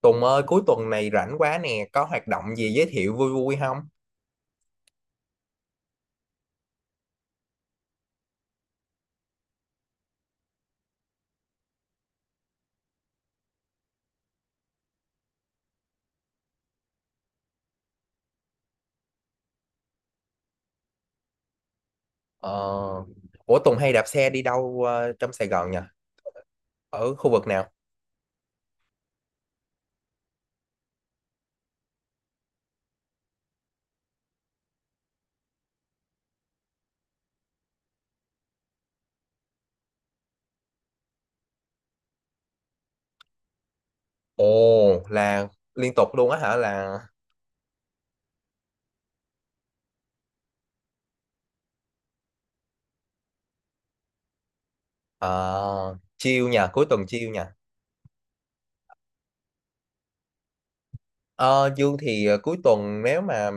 Tùng ơi, cuối tuần này rảnh quá nè, có hoạt động gì giới thiệu vui vui không? Ờ, ủa Tùng hay đạp xe đi đâu trong Sài Gòn nhỉ? Ở khu vực nào? Ồ, là liên tục luôn á hả? Là ờ, chill nha, cuối tuần chill nha. Ờ, Dương thì cuối tuần nếu mà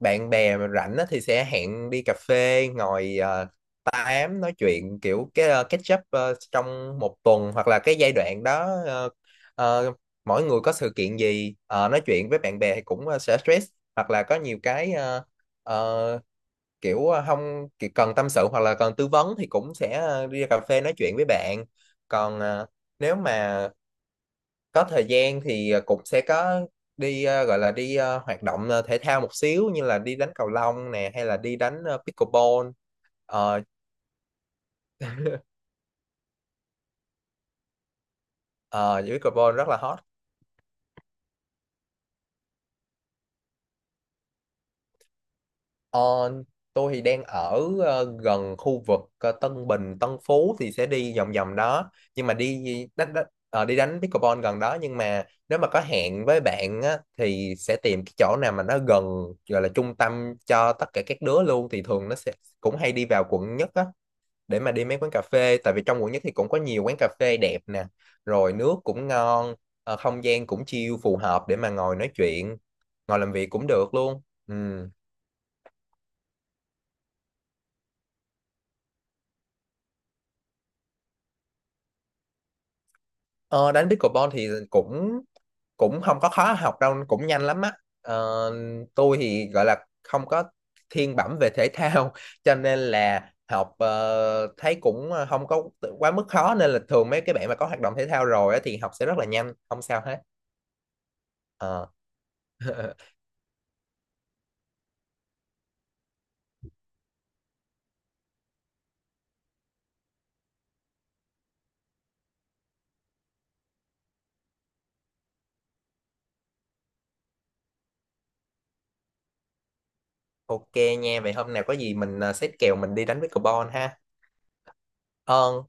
bạn bè mà rảnh á, thì sẽ hẹn đi cà phê ngồi tám nói chuyện kiểu cái catch up trong một tuần hoặc là cái giai đoạn đó ờ, mỗi người có sự kiện gì nói chuyện với bạn bè thì cũng sẽ stress hoặc là có nhiều cái ờ, kiểu không kiểu cần tâm sự hoặc là cần tư vấn thì cũng sẽ đi ra cà phê nói chuyện với bạn, còn nếu mà có thời gian thì cũng sẽ có đi gọi là đi hoạt động thể thao một xíu, như là đi đánh cầu lông nè hay là đi đánh pickleball. ờ ờ, Pickleball rất là hot. Ờ, tôi thì đang ở gần khu vực Tân Bình Tân Phú thì sẽ đi vòng vòng đó, nhưng mà đi đánh, đánh ờ, đi đánh pickleball gần đó. Nhưng mà nếu mà có hẹn với bạn á, thì sẽ tìm cái chỗ nào mà nó gần, gọi là trung tâm cho tất cả các đứa luôn, thì thường nó sẽ cũng hay đi vào quận nhất á, để mà đi mấy quán cà phê, tại vì trong quận nhất thì cũng có nhiều quán cà phê đẹp nè, rồi nước cũng ngon, không gian cũng chill, phù hợp để mà ngồi nói chuyện, ngồi làm việc cũng được luôn. Ừ. ờ, Đánh pickleball thì cũng cũng không có khó học đâu, cũng nhanh lắm á. ờ, tôi thì gọi là không có thiên bẩm về thể thao, cho nên là học thấy cũng không có quá mức khó, nên là thường mấy cái bạn mà có hoạt động thể thao rồi á, thì học sẽ rất là nhanh, không sao hết. Ờ. Ok nha, vậy hôm nào có gì mình, xếp kèo mình đi đánh với Carbon ha. Ờ,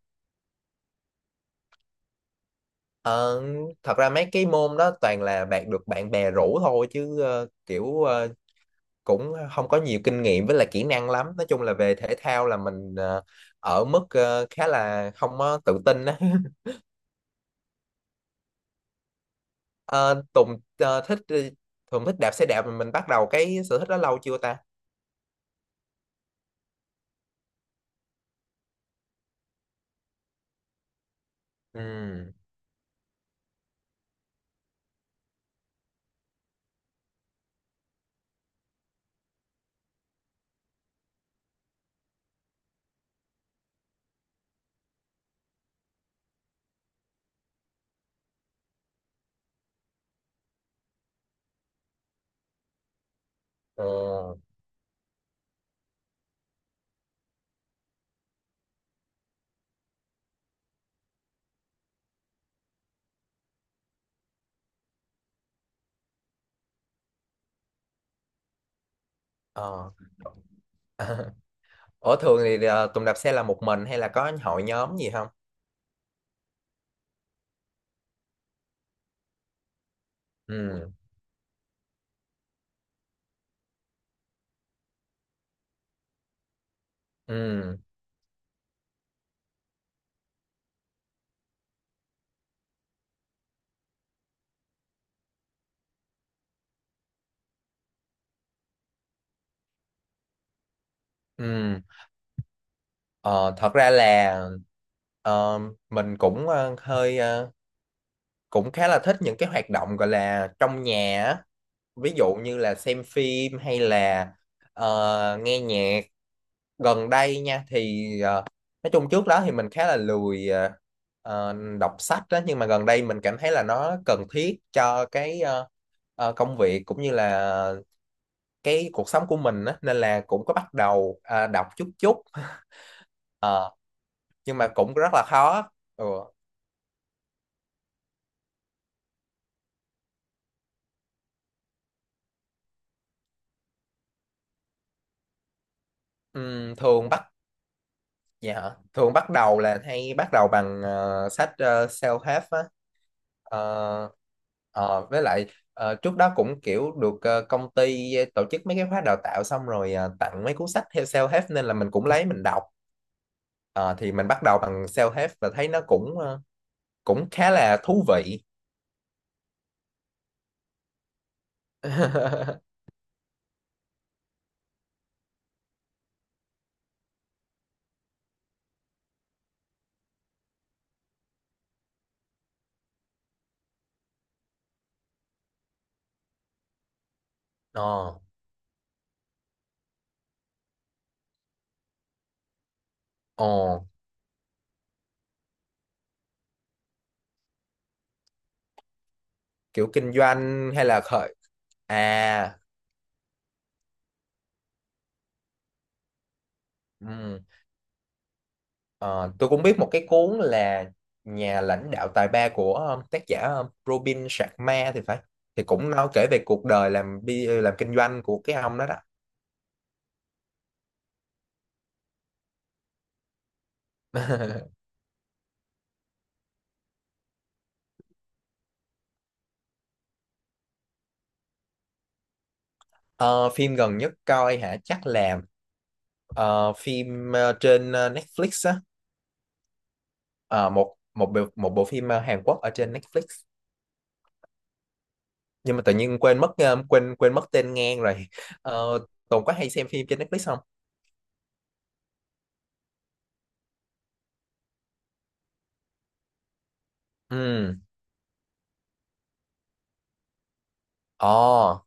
ờ, thật ra mấy cái môn đó toàn là bạn được bạn bè rủ thôi chứ, kiểu cũng không có nhiều kinh nghiệm với là kỹ năng lắm. Nói chung là về thể thao là mình ở mức khá là không có tự tin á. Ờ, Tùng thích đạp xe đạp, mà mình bắt đầu cái sở thích đó lâu chưa ta? Ừ. Ờ. Ờ. Ủa thường thì Tùng đạp xe là một mình hay là có hội nhóm gì không? Ừ. Ừ. Ừ. Ờ, thật ra là ờ, mình cũng hơi cũng khá là thích những cái hoạt động gọi là trong nhà á. Ví dụ như là xem phim hay là nghe nhạc. Gần đây nha, thì nói chung trước đó thì mình khá là lười ờ, đọc sách đó, nhưng mà gần đây mình cảm thấy là nó cần thiết cho cái công việc cũng như là cái cuộc sống của mình á, nên là cũng có bắt đầu đọc chút chút. Ờ, nhưng mà cũng rất là khó. Ừ. Thường bắt dạ hả? Thường bắt đầu là hay bắt đầu bằng sách self-help á. Ờ, với lại trước đó cũng kiểu được công ty tổ chức mấy cái khóa đào tạo, xong rồi tặng mấy cuốn sách theo self-help nên là mình cũng lấy mình đọc. Ờ, thì mình bắt đầu bằng self-help và thấy nó cũng cũng khá là thú vị. Ờ. Ồ. Kiểu kinh doanh hay là khởi. À. Ừ. Ờ, tôi cũng biết một cái cuốn là nhà lãnh đạo tài ba, của tác giả Robin Sharma thì phải, thì cũng nói kể về cuộc đời làm kinh doanh của cái ông đó đó. Ờ, phim gần nhất coi hả, chắc là phim trên Netflix á. Ờ, một một bộ phim Hàn Quốc ở trên Netflix, nhưng mà tự nhiên quên mất quên quên mất tên ngang rồi. Ờ, Tùng có hay xem phim trên Netflix không? Ừ. Ồ,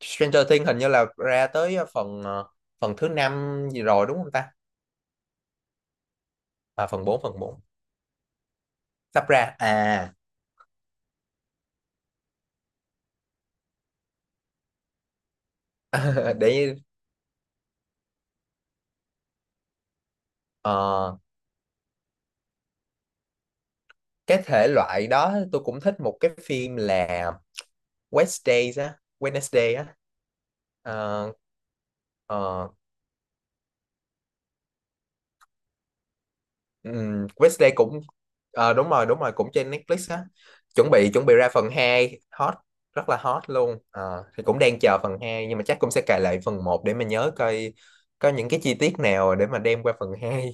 Stranger Things hình như là ra tới phần phần thứ năm gì rồi đúng không ta? À, phần bốn, phần bốn sắp ra à. Để ờ, cái thể loại đó tôi cũng thích một cái phim là Wednesdays á, Wednesday á. Ờ, ờ, Wednesday cũng đúng rồi, đúng rồi, cũng trên Netflix á, chuẩn bị ra phần hai, hot rất là hot luôn. Ờ, thì cũng đang chờ phần hai, nhưng mà chắc cũng sẽ cài lại phần một để mà nhớ coi có những cái chi tiết nào để mà đem qua phần hai.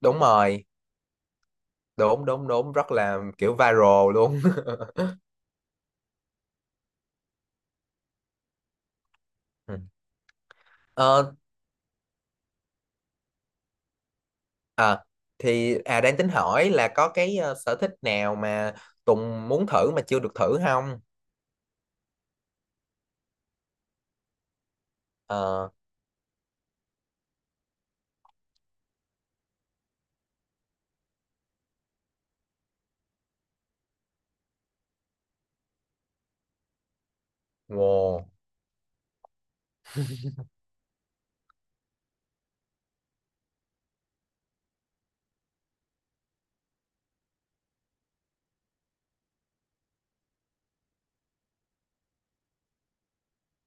Đúng rồi, đúng đúng đúng, rất là kiểu viral luôn. Ừ. Ờ, à, thì đang tính hỏi là có cái sở thích nào mà Tùng muốn thử mà chưa được thử không? Ờ. Wow.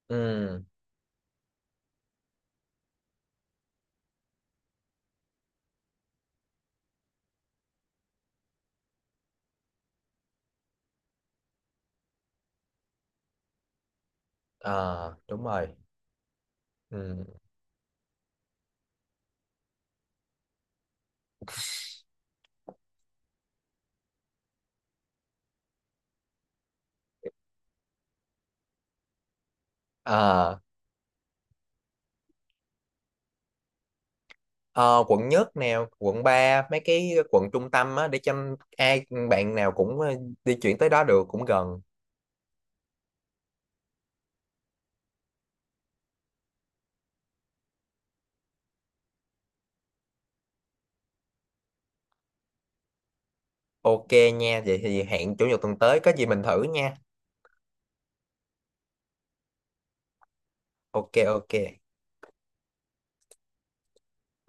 Ừ. À, đúng rồi. Ừ. Ờ, ờ, quận nhất nè, quận 3, mấy cái quận trung tâm á, để cho ai bạn nào cũng di chuyển tới đó được, cũng gần. Ok nha, vậy thì hẹn chủ nhật tuần tới có gì mình thử nha. Ok, ok.